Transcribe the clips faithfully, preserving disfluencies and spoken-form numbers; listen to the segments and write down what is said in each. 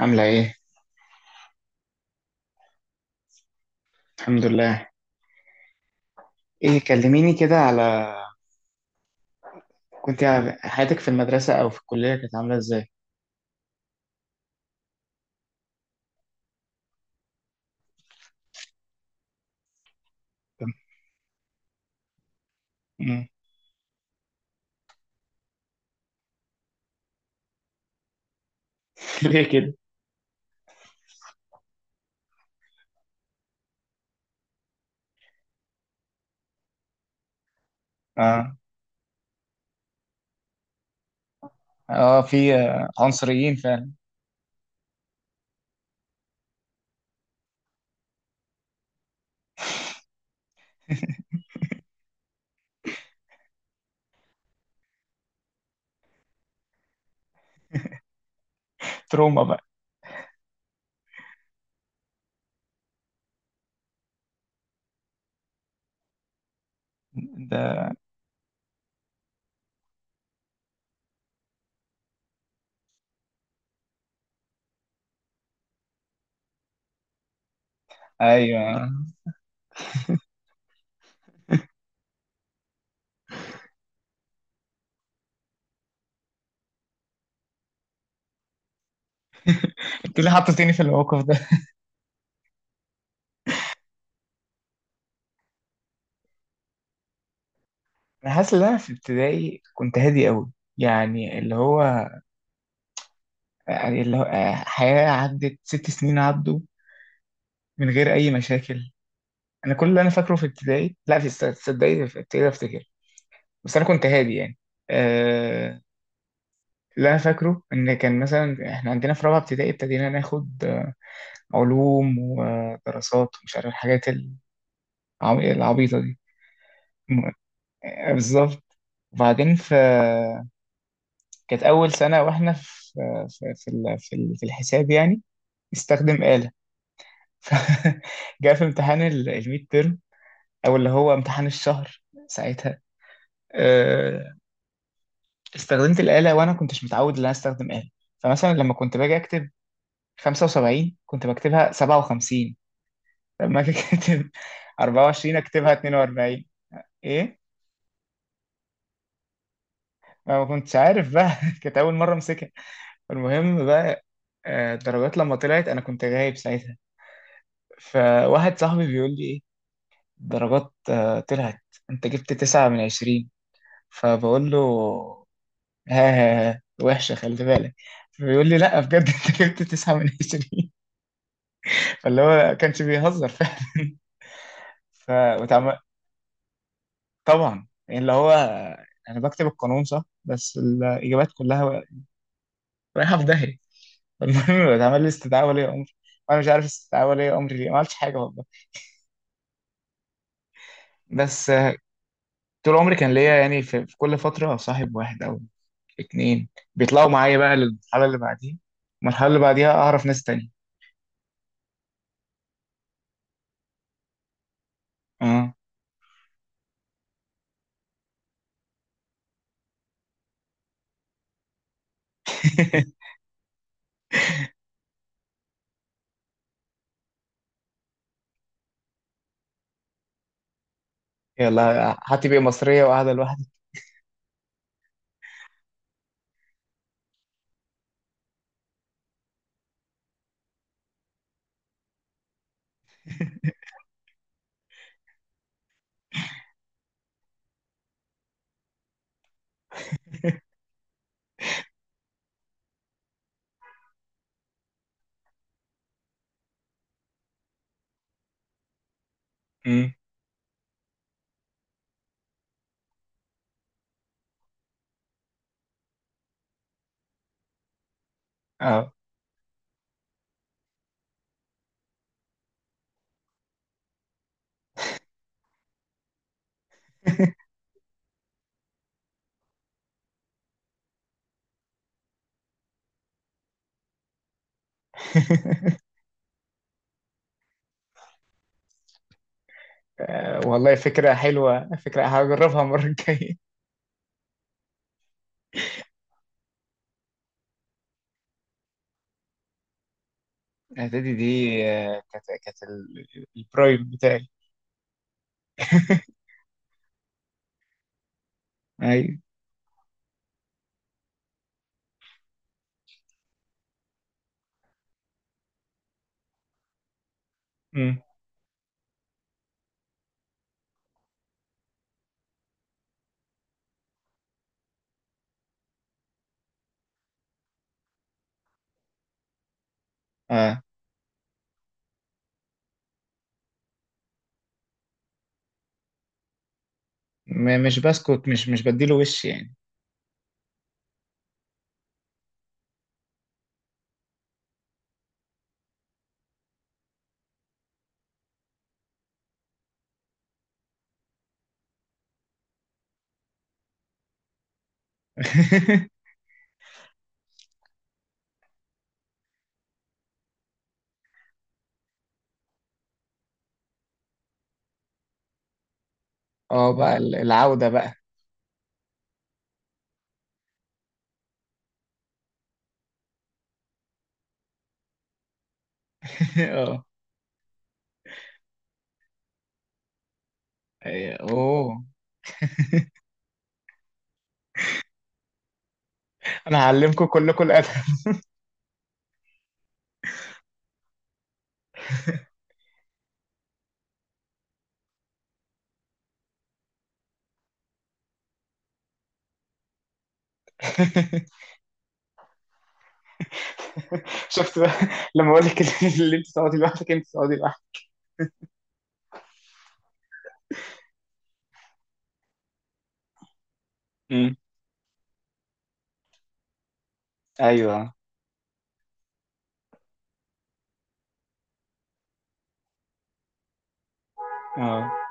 عاملة ايه؟ الحمد لله. ايه كلميني كده على كنت حياتك في المدرسة او في الكلية كانت عاملة ازاي؟ مم. ليه كده؟ اه. اه في آه، عنصريين فعلا. تروما بقى. ده. ايوه. انت اللي حطيتيني في الموقف ده. انا حاسس ان انا في ابتدائي كنت هادي قوي، يعني اللي هو، يعني اللي هو آه، حياة عدت ست سنين عدوا من غير اي مشاكل. انا كل اللي انا فاكره في ابتدائي، لا، في الس- تصدقي في ابتدائي افتكر، بس انا كنت هادي يعني. آه، اللي انا فاكره ان كان مثلا احنا عندنا في رابعه ابتدائي ابتدينا ناخد آه، علوم ودراسات ومش عارف الحاجات العب- العبيطه دي. م- آه، بالظبط. وبعدين في، كانت اول سنه واحنا في في في ال- في ال- في الحساب يعني، استخدم آلة. ف- جاء في امتحان الميد تيرم او اللي هو امتحان الشهر ساعتها. آه، استخدمت الآلة وانا كنتش متعود ان انا استخدم آلة، فمثلا لما كنت باجي اكتب خمسة وسبعين كنت بكتبها سبعة وخمسين، لما أجي كاتب اربعة وعشرين اكتبها اتنين واربعين. ايه، ما كنتش عارف بقى. كانت اول مره امسكها. المهم بقى، آه، الدرجات لما طلعت انا كنت غايب ساعتها، فواحد صاحبي بيقول لي ايه الدرجات آه، طلعت، انت جبت تسعة من عشرين. فبقول له ها ها ها، وحشة، خلي بالك. فبيقول لي لا بجد انت جبت تسعة من عشرين. فاللي هو كانش بيهزر فعلا. ف وتعم- طبعا يعني اللي هو انا بكتب القانون صح بس الاجابات كلها رايحه في داهيه. المهم اتعمل لي استدعاء ولي امر، وانا مش عارف استدعاء ولي امر ليه، ما عملتش حاجه والله. بس آه، طول عمري كان ليا يعني في, في كل فتره صاحب واحد او اتنين بيطلعوا معايا بقى للمرحله اللي بعديها، المرحله اللي بعديها اعرف ناس تانية. اه. يلا حتى بقى مصريه وقاعده لوحدي. أمم. اه. آه، والله فكره حلوه، فكره هجربها المره الجايه. اعدادي دي؟ آه، كانت كانت ال- البرايم بتاعي. ايوه. أمم. آه. م- مش بسكت، مش مش بديله وش يعني. اه بقى ال- العودة بقى. اه. أي- اوه، انا هعلمكم كلكم الادب. شفت بقى، لما اقول لك اللي انت تقعدي لوحدك انت تقعدي لوحدك. أمم. ايوه. اه.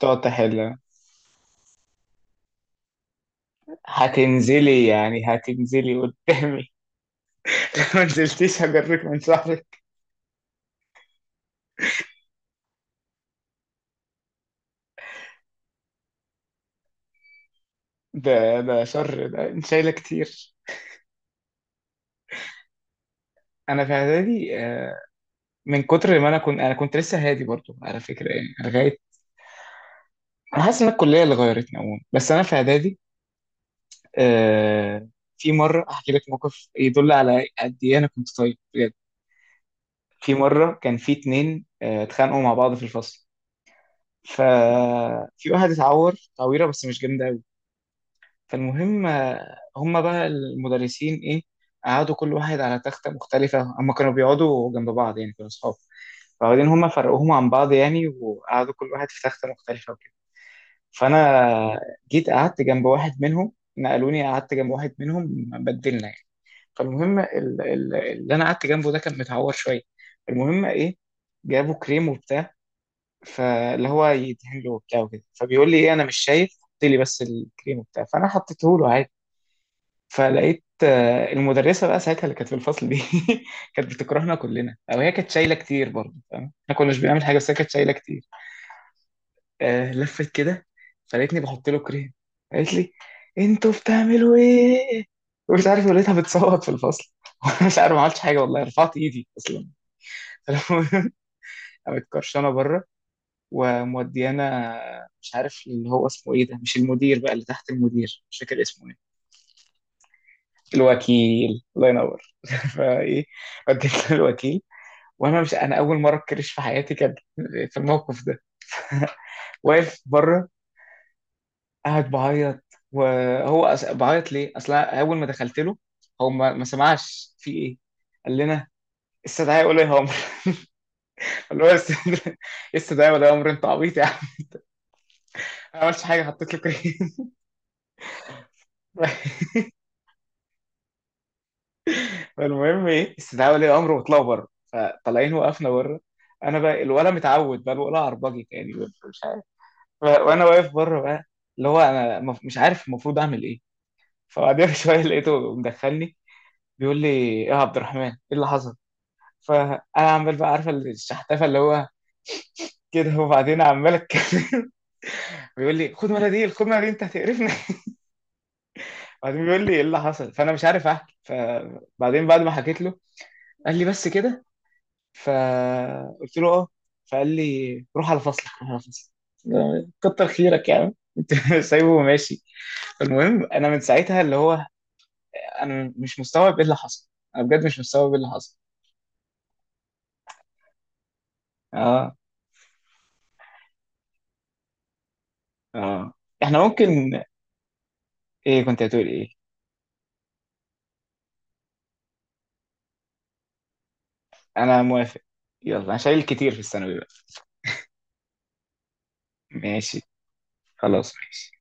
تقعد تحل. هتنزلي يعني هتنزلي قدامي. ما نزلتيش هجرك من شعرك. ده ده شر، ده انت شايله كتير. انا في اعدادي آه، من كتر ما انا كنت انا كنت لسه هادي برضو على فكره يعني لغايه. انا حاسس ان الكليه اللي غيرتني عموما، بس انا في اعدادي. آه في مره احكي لك موقف يدل على قد ايه انا كنت طيب بجد. في مره كان في اتنين آه، اتخانقوا مع بعض في الفصل، ففي واحد اتعور تعويره بس مش جامده قوي. فالمهم آه، هما بقى المدرسين ايه، قعدوا كل واحد على تخته مختلفه، هما كانوا بيقعدوا جنب بعض يعني كانوا اصحاب، فبعدين هما فرقوهم عن بعض يعني وقعدوا كل واحد في تخته مختلفه. فانا جيت قعدت جنب واحد منهم، نقلوني قعدت جنب واحد منهم بدلنا يعني. فالمهم ال- ال- اللي انا قعدت جنبه ده كان متعور شويه. المهم ايه، جابوا كريم وبتاع، فاللي هو يدهن له وبتاع وكده، فبيقول لي ايه انا مش شايف، حط لي بس الكريم وبتاع، فانا حطيته له عادي. فلقيت آه، المدرسه بقى ساعتها اللي كانت في الفصل دي كانت بتكرهنا كلنا او هي كانت شايله كتير برضه، فاهم، احنا كنا مش بنعمل حاجه بس هي كانت شايله كتير. آه لفت كده، فلقيتني بحط له كريم. قالت لي انتوا بتعملوا ايه؟ ومش عارف لقيتها بتصوت في الفصل وانا مش عارف، ما عملتش حاجه والله، رفعت ايدي اصلا. فالمهم، قامت كرشانه بره وموديانا، مش عارف اللي هو اسمه ايه، ده مش المدير بقى، اللي تحت المدير، مش فاكر اسمه ايه. الوكيل، الله ينور. فايه، وديت للوكيل، وانا مش، انا اول مره اتكرش في حياتي كان في الموقف ده، واقف بره، قاعد بعيط. وهو أس- بعيط ليه؟ اصل أنا اول ما دخلت له، هو ما, ما سمعش في ايه؟ قال لنا استدعاء ولي امر. قال له "است- استدعاء استدعاء ولي امر، انت عبيط يا عم، أنا ما عملتش حاجه، حطيت له كريم. فالمهم ايه استدعاء ولي امر، وطلعوا بره، فطالعين وقفنا بره. انا بقى الولا متعود بقى الولا عربجي يعني، مش عارف. ف- وانا واقف بره بقى، اللي هو انا مف- مش عارف المفروض اعمل ايه. فبعدين بشويه لقيته مدخلني، بيقول لي ايه يا عبد الرحمن، ايه اللي حصل؟ فانا عمال بقى عارفه الشحتفه اللي هو كده، وبعدين عمال اتكلم. بيقول لي خد مناديل، خد مناديل، انت هتقرفني. بعدين بيقول لي ايه اللي حصل، فانا مش عارف احكي، فبعدين بعد ما حكيت له قال لي بس كده؟ فقلت له اه. فقال لي روح على فصلك، روح على فصلك. كتر خيرك يا عم. انت سايبه وماشي. المهم انا من ساعتها اللي هو انا مش مستوعب ايه اللي حصل، انا بجد مش مستوعب ايه اللي حصل. اه. اه. احنا ممكن، ايه كنت هتقول ايه؟ انا موافق، يلا انا شايل كتير في الثانوي بقى. ماشي، خلاص ماشي.